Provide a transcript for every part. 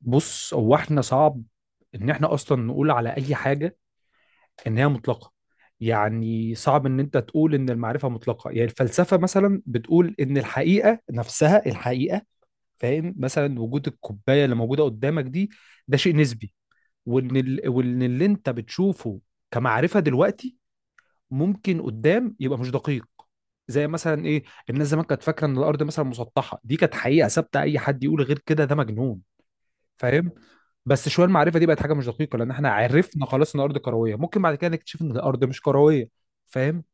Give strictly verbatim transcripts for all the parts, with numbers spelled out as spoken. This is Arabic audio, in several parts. بص، هو احنا صعب ان احنا اصلا نقول على اي حاجه ان هي مطلقه. يعني صعب ان انت تقول ان المعرفه مطلقه. يعني الفلسفه مثلا بتقول ان الحقيقه نفسها الحقيقه. فاهم؟ مثلا وجود الكوبايه اللي موجوده قدامك دي، ده شيء نسبي. وان ال... وان اللي انت بتشوفه كمعرفه دلوقتي ممكن قدام يبقى مش دقيق. زي مثلا ايه؟ الناس زمان كانت فاكره ان الارض مثلا مسطحه، دي كانت حقيقه ثابته، اي حد يقول غير كده ده مجنون. فاهم؟ بس شويه المعرفه دي بقت حاجه مش دقيقه، لان احنا عرفنا خلاص ان الارض كرويه. ممكن بعد كده نكتشف ان الارض مش كرويه. فاهم؟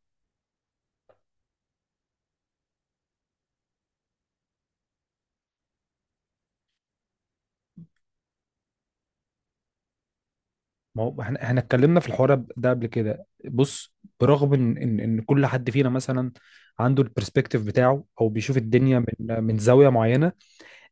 ما هو احنا احنا اتكلمنا في الحوار ده قبل كده. بص، برغم ان ان ان كل حد فينا مثلا عنده البرسبكتيف بتاعه او بيشوف الدنيا من من زاويه معينه،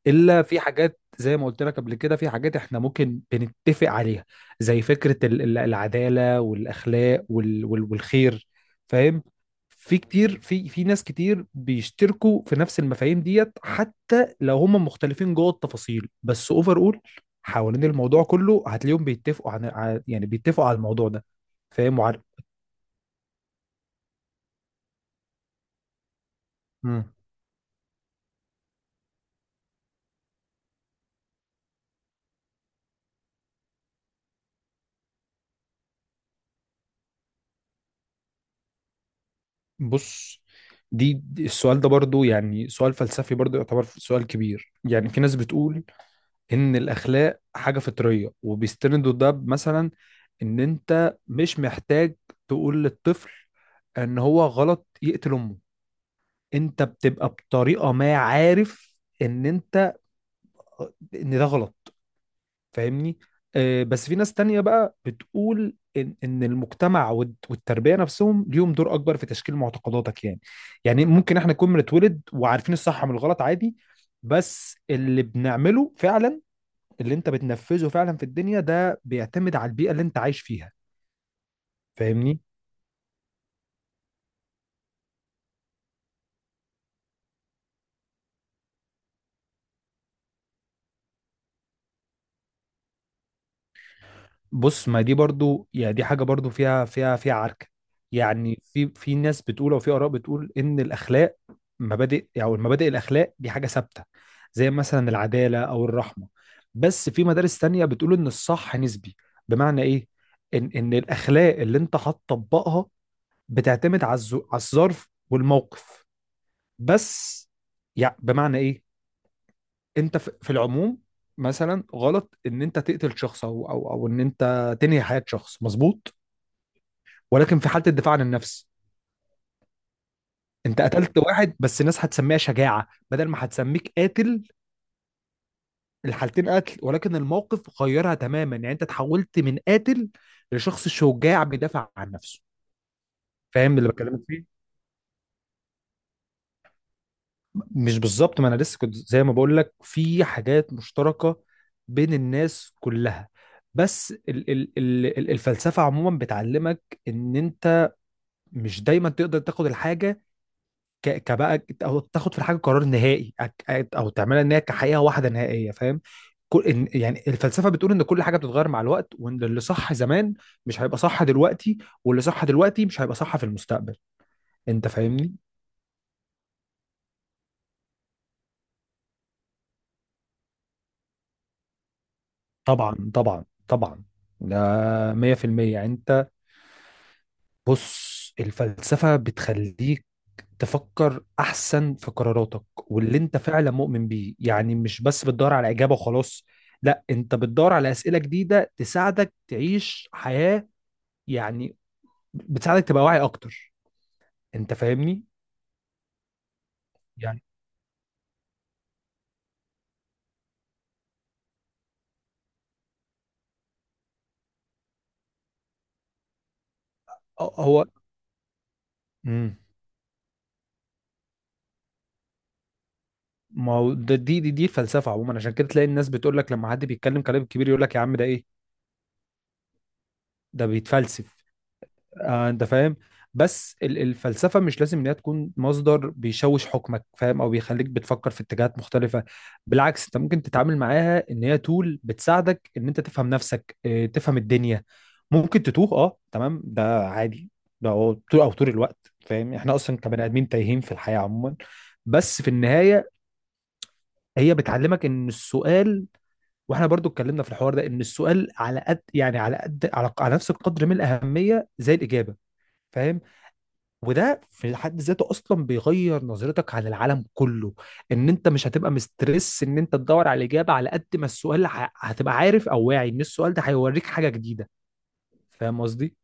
الا في حاجات زي ما قلت لك قبل كده، في حاجات احنا ممكن بنتفق عليها، زي فكرة ال- ال- العدالة والاخلاق وال وال والخير. فاهم؟ في كتير، في في ناس كتير بيشتركوا في نفس المفاهيم ديت حتى لو هم مختلفين جوه التفاصيل. بس اوفر اول حوالين الموضوع كله هتلاقيهم بيتفقوا عن ع- يعني بيتفقوا على الموضوع ده. فاهم وعارف؟ مم. بص، دي دي- السؤال ده برضو يعني سؤال فلسفي، برضو يعتبر سؤال كبير. يعني في ناس بتقول ان الاخلاق حاجه فطريه، وبيستندوا ده مثلا ان انت مش محتاج تقول للطفل ان هو غلط يقتل امه. انت بتبقى بطريقه ما عارف ان انت، ان ده غلط. فاهمني؟ آه، بس في ناس تانية بقى بتقول ان ان المجتمع والت- والتربيه نفسهم ليهم دور اكبر في تشكيل معتقداتك. يعني، يعني ممكن احنا نكون بنتولد وعارفين الصح من الغلط عادي. بس اللي بنعمله فعلا، اللي انت بتنفذه فعلا في الدنيا ده، بيعتمد على البيئة اللي انت عايش فيها. فاهمني؟ بص، ما دي برضو يعني دي حاجة برضو فيها فيها فيها عركة. يعني في، في ناس بتقول، او في آراء بتقول، ان الاخلاق مبادئ، او المبادئ الاخلاق دي حاجة ثابتة، زي مثلا العدالة او الرحمة. بس في مدارس تانية بتقول ان الصح نسبي. بمعنى ايه؟ ان ان الاخلاق اللي انت هتطبقها بتعتمد على الز- على الظرف والموقف بس. يعني بمعنى ايه؟ انت في في العموم مثلا غلط ان انت تقتل شخص، او او او ان انت تنهي حياة شخص. مظبوط؟ ولكن في حالة الدفاع عن النفس انت قتلت واحد، بس الناس هتسميها شجاعة بدل ما هتسميك قاتل. الحالتين قتل، ولكن الموقف غيرها تماما. يعني انت تحولت من قاتل لشخص شجاع بيدافع عن نفسه. فاهم اللي بكلمك فيه؟ مش بالظبط. ما انا لسه كنت زي ما بقول لك في حاجات مشتركه بين الناس كلها. بس ال ال ال ال- الفلسفه عموما بتعلمك ان انت مش دايما تقدر تاخد الحاجه ك- كبقى او تاخد في الحاجه قرار نهائي، أك- او تعملها ان هي كحقيقه واحده نهائيه. فاهم؟ كل إن يعني الفلسفه بتقول ان كل حاجه بتتغير مع الوقت، وان اللي صح زمان مش هيبقى صح دلوقتي، واللي صح دلوقتي مش هيبقى صح في المستقبل. انت فاهمني؟ طبعا، طبعا، طبعا. ده مية في المية. انت، بص الفلسفة بتخليك تفكر أحسن في قراراتك واللي أنت فعلا مؤمن بيه. يعني مش بس بتدور على إجابة وخلاص، لا، أنت بتدور على أسئلة جديدة تساعدك تعيش حياة، يعني بتساعدك تبقى واعي أكتر. أنت فاهمني؟ يعني آه، هو مم. ما هو ده دي دي دي الفلسفة عموما. عشان كده تلاقي الناس بتقول لك لما حد بيتكلم كلام كبير يقول لك يا عم ده إيه؟ ده بيتفلسف. آه، انت فاهم. بس ال- الفلسفه مش لازم ان هي تكون مصدر بيشوش حكمك، فاهم، او بيخليك بتفكر في اتجاهات مختلفه. بالعكس، انت ممكن تتعامل معاها ان هي تول بتساعدك ان انت تفهم نفسك، آه، تفهم الدنيا. ممكن تتوه، اه، تمام، ده عادي. ده هو طول او طول الوقت. فاهم؟ احنا اصلا كبني ادمين تايهين في الحياه عموما. بس في النهايه هي بتعلمك ان السؤال، واحنا برضو اتكلمنا في الحوار ده، ان السؤال على قد يعني على قد على, على نفس القدر من الاهميه زي الاجابه. فاهم؟ وده في حد ذاته اصلا بيغير نظرتك عن العالم كله. ان انت مش هتبقى مسترس ان انت تدور على الاجابه، على قد ما السؤال ه- هتبقى عارف او واعي ان السؤال ده هيوريك حاجه جديده. فاهم قصدي؟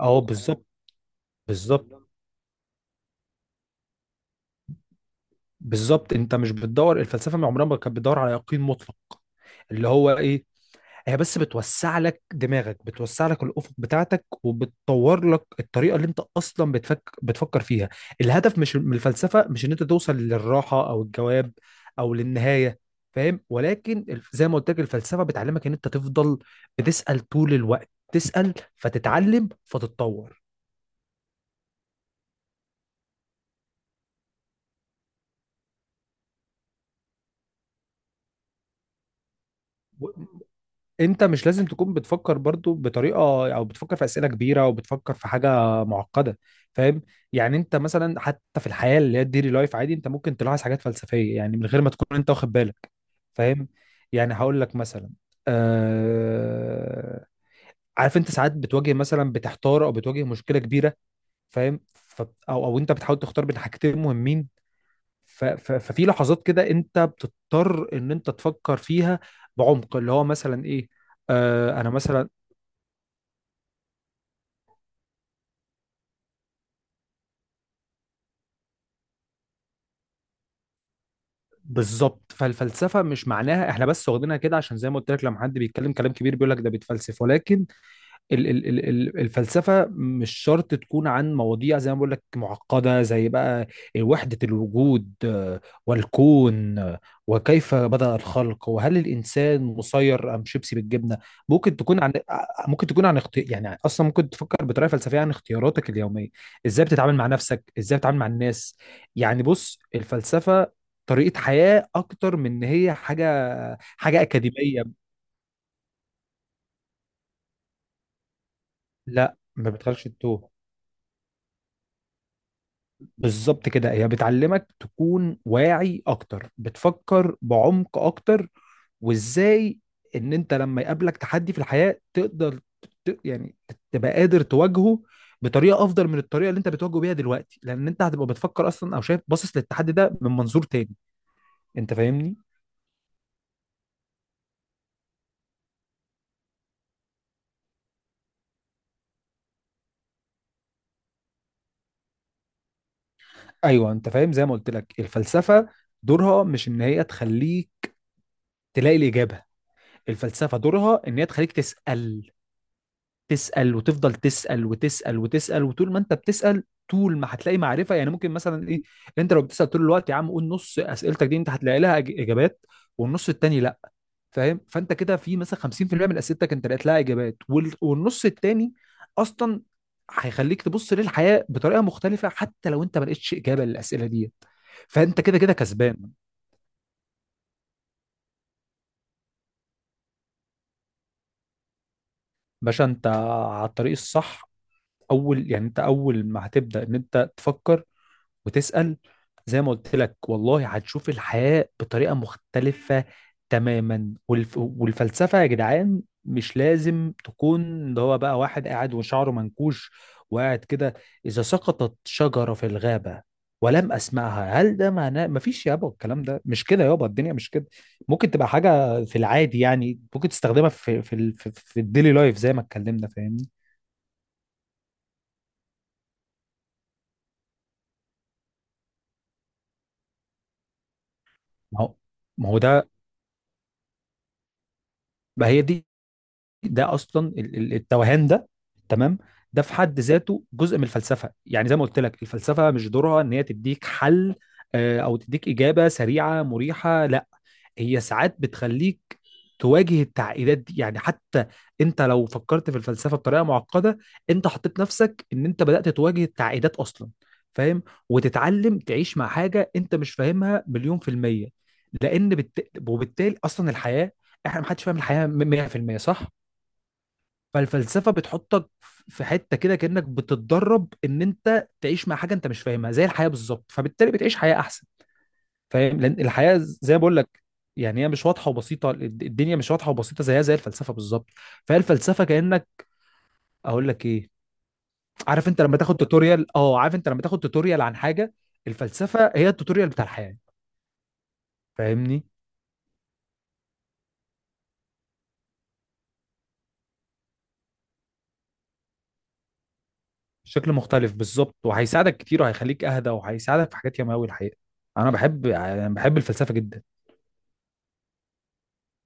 اه، بالظبط. بالظبط، بالظبط. انت مش بتدور، الفلسفه من عمرها ما كانت بتدور على يقين مطلق. اللي هو ايه؟ هي بس بتوسع لك دماغك، بتوسع لك الافق بتاعتك، وبتطور لك الطريقه اللي انت اصلا بتفك... بتفكر فيها. الهدف مش من الفلسفه، مش ان انت توصل للراحه او الجواب او للنهايه. فاهم؟ ولكن الف- زي ما قلت لك الفلسفه بتعلمك ان انت تفضل بتسال طول الوقت. تسال فتتعلم فتتطور. انت مش لازم تكون بتفكر برضو بطريقه، او بتفكر في اسئله كبيره، او بتفكر في حاجه معقده. فاهم؟ يعني انت مثلا حتى في الحياه اللي هي الديلي لايف عادي، انت ممكن تلاحظ حاجات فلسفيه يعني من غير ما تكون انت واخد بالك. فاهم؟ يعني هقول لك مثلا، آه... عارف انت ساعات بتواجه مثلا، بتحتار او بتواجه مشكله كبيره. فاهم ف... او؟ او انت بتحاول تختار بين حاجتين مهمين. ف- ف- ففي لحظات كده انت بتضطر ان انت تفكر فيها بعمق. اللي هو مثلا ايه؟ آه انا مثلا، بالظبط. فالفلسفه مش معناها احنا بس واخدينها كده، عشان زي ما قلت لك لما حد بيتكلم كلام كبير بيقول لك ده بيتفلسف. ولكن ال- ال- ال- ال- الفلسفة مش شرط تكون عن مواضيع زي ما بقول لك معقدة، زي بقى وحدة الوجود، آه، والكون، آه، وكيف بدأ الخلق، وهل الإنسان مسير أم شيبسي بالجبنة. ممكن تكون عن، آه، ممكن تكون عن اختي... يعني أصلا ممكن تفكر بطريقة فلسفية عن اختياراتك اليومية. إزاي بتتعامل مع نفسك، إزاي بتتعامل مع الناس. يعني بص، الفلسفة طريقة حياة أكتر من إن هي حاجة، حاجة أكاديمية. لا، ما بتخليش التوه. بالظبط كده، هي بتعلمك تكون واعي اكتر، بتفكر بعمق اكتر، وازاي ان انت لما يقابلك تحدي في الحياة تقدر ت... يعني تبقى قادر تواجهه بطريقة افضل من الطريقة اللي انت بتواجهه بيها دلوقتي، لان انت هتبقى بتفكر اصلا او شايف باصص للتحدي ده من منظور تاني. انت فاهمني؟ ايوه، انت فاهم. زي ما قلت لك الفلسفة دورها مش ان هي تخليك تلاقي الاجابة. الفلسفة دورها ان هي تخليك تسأل. تسأل وتفضل تسأل وتسأل وتسأل، وطول ما انت بتسأل طول ما هتلاقي معرفة. يعني ممكن مثلا ايه؟ انت لو بتسأل طول الوقت يا عم، قول نص أسئلتك دي انت هتلاقي لها إج- إجابات، والنص التاني لا. فاهم؟ فانت كده في مثلا خمسين في المية من أسئلتك انت لقيت لها إجابات، وال- والنص التاني أصلا هيخليك تبص للحياة بطريقة مختلفة حتى لو انت ما لقيتش إجابة للأسئلة دي. فانت كده كده كسبان. باشا، انت على الطريق الصح. اول يعني انت اول ما هتبدأ ان انت تفكر وتسأل، زي ما قلت لك، والله هتشوف الحياة بطريقة مختلفة تماما. والف... والفلسفة يا جدعان مش لازم تكون ده هو بقى واحد قاعد وشعره منكوش وقاعد كده، إذا سقطت شجرة في الغابة ولم أسمعها هل ده معناه مفيش. يابا الكلام ده مش كده، يابا الدنيا مش كده. ممكن تبقى حاجة في العادي، يعني ممكن تستخدمها في في ال- في, في الديلي لايف زي ما اتكلمنا. فاهمني؟ ما هو ما هو ده، ما هي دي ده اصلا ال- ال- التوهان ده. تمام. ده في حد ذاته جزء من الفلسفه. يعني زي ما قلت لك الفلسفه مش دورها ان هي تديك حل، آه، او تديك اجابه سريعه مريحه. لا، هي ساعات بتخليك تواجه التعقيدات دي. يعني حتى انت لو فكرت في الفلسفه بطريقه معقده، انت حطيت نفسك ان انت بدات تواجه التعقيدات اصلا. فاهم؟ وتتعلم تعيش مع حاجه انت مش فاهمها مليون في الميه، لان بالت... وبالتالي اصلا الحياه، احنا محدش فاهم الحياه مية في المية، صح؟ فالفلسفه بتحطك في حته كده، كانك بتتدرب ان انت تعيش مع حاجه انت مش فاهمها زي الحياه بالظبط، فبالتالي بتعيش حياه احسن. فاهم؟ لان الحياه زي ما بقول لك يعني هي مش واضحه وبسيطه. الد- الدنيا مش واضحه وبسيطه، زيها زي الفلسفه بالظبط. فهي الفلسفه كانك، اقول لك ايه، عارف انت لما تاخد توتوريال، اه عارف انت لما تاخد توتوريال عن حاجه، الفلسفه هي التوتوريال بتاع الحياه. فاهمني؟ شكل مختلف بالظبط، وهيساعدك كتير، وهيخليك اهدى، وهيساعدك في حاجات ياما قوي الحقيقه. انا بحب يعني بحب الفلسفه جدا.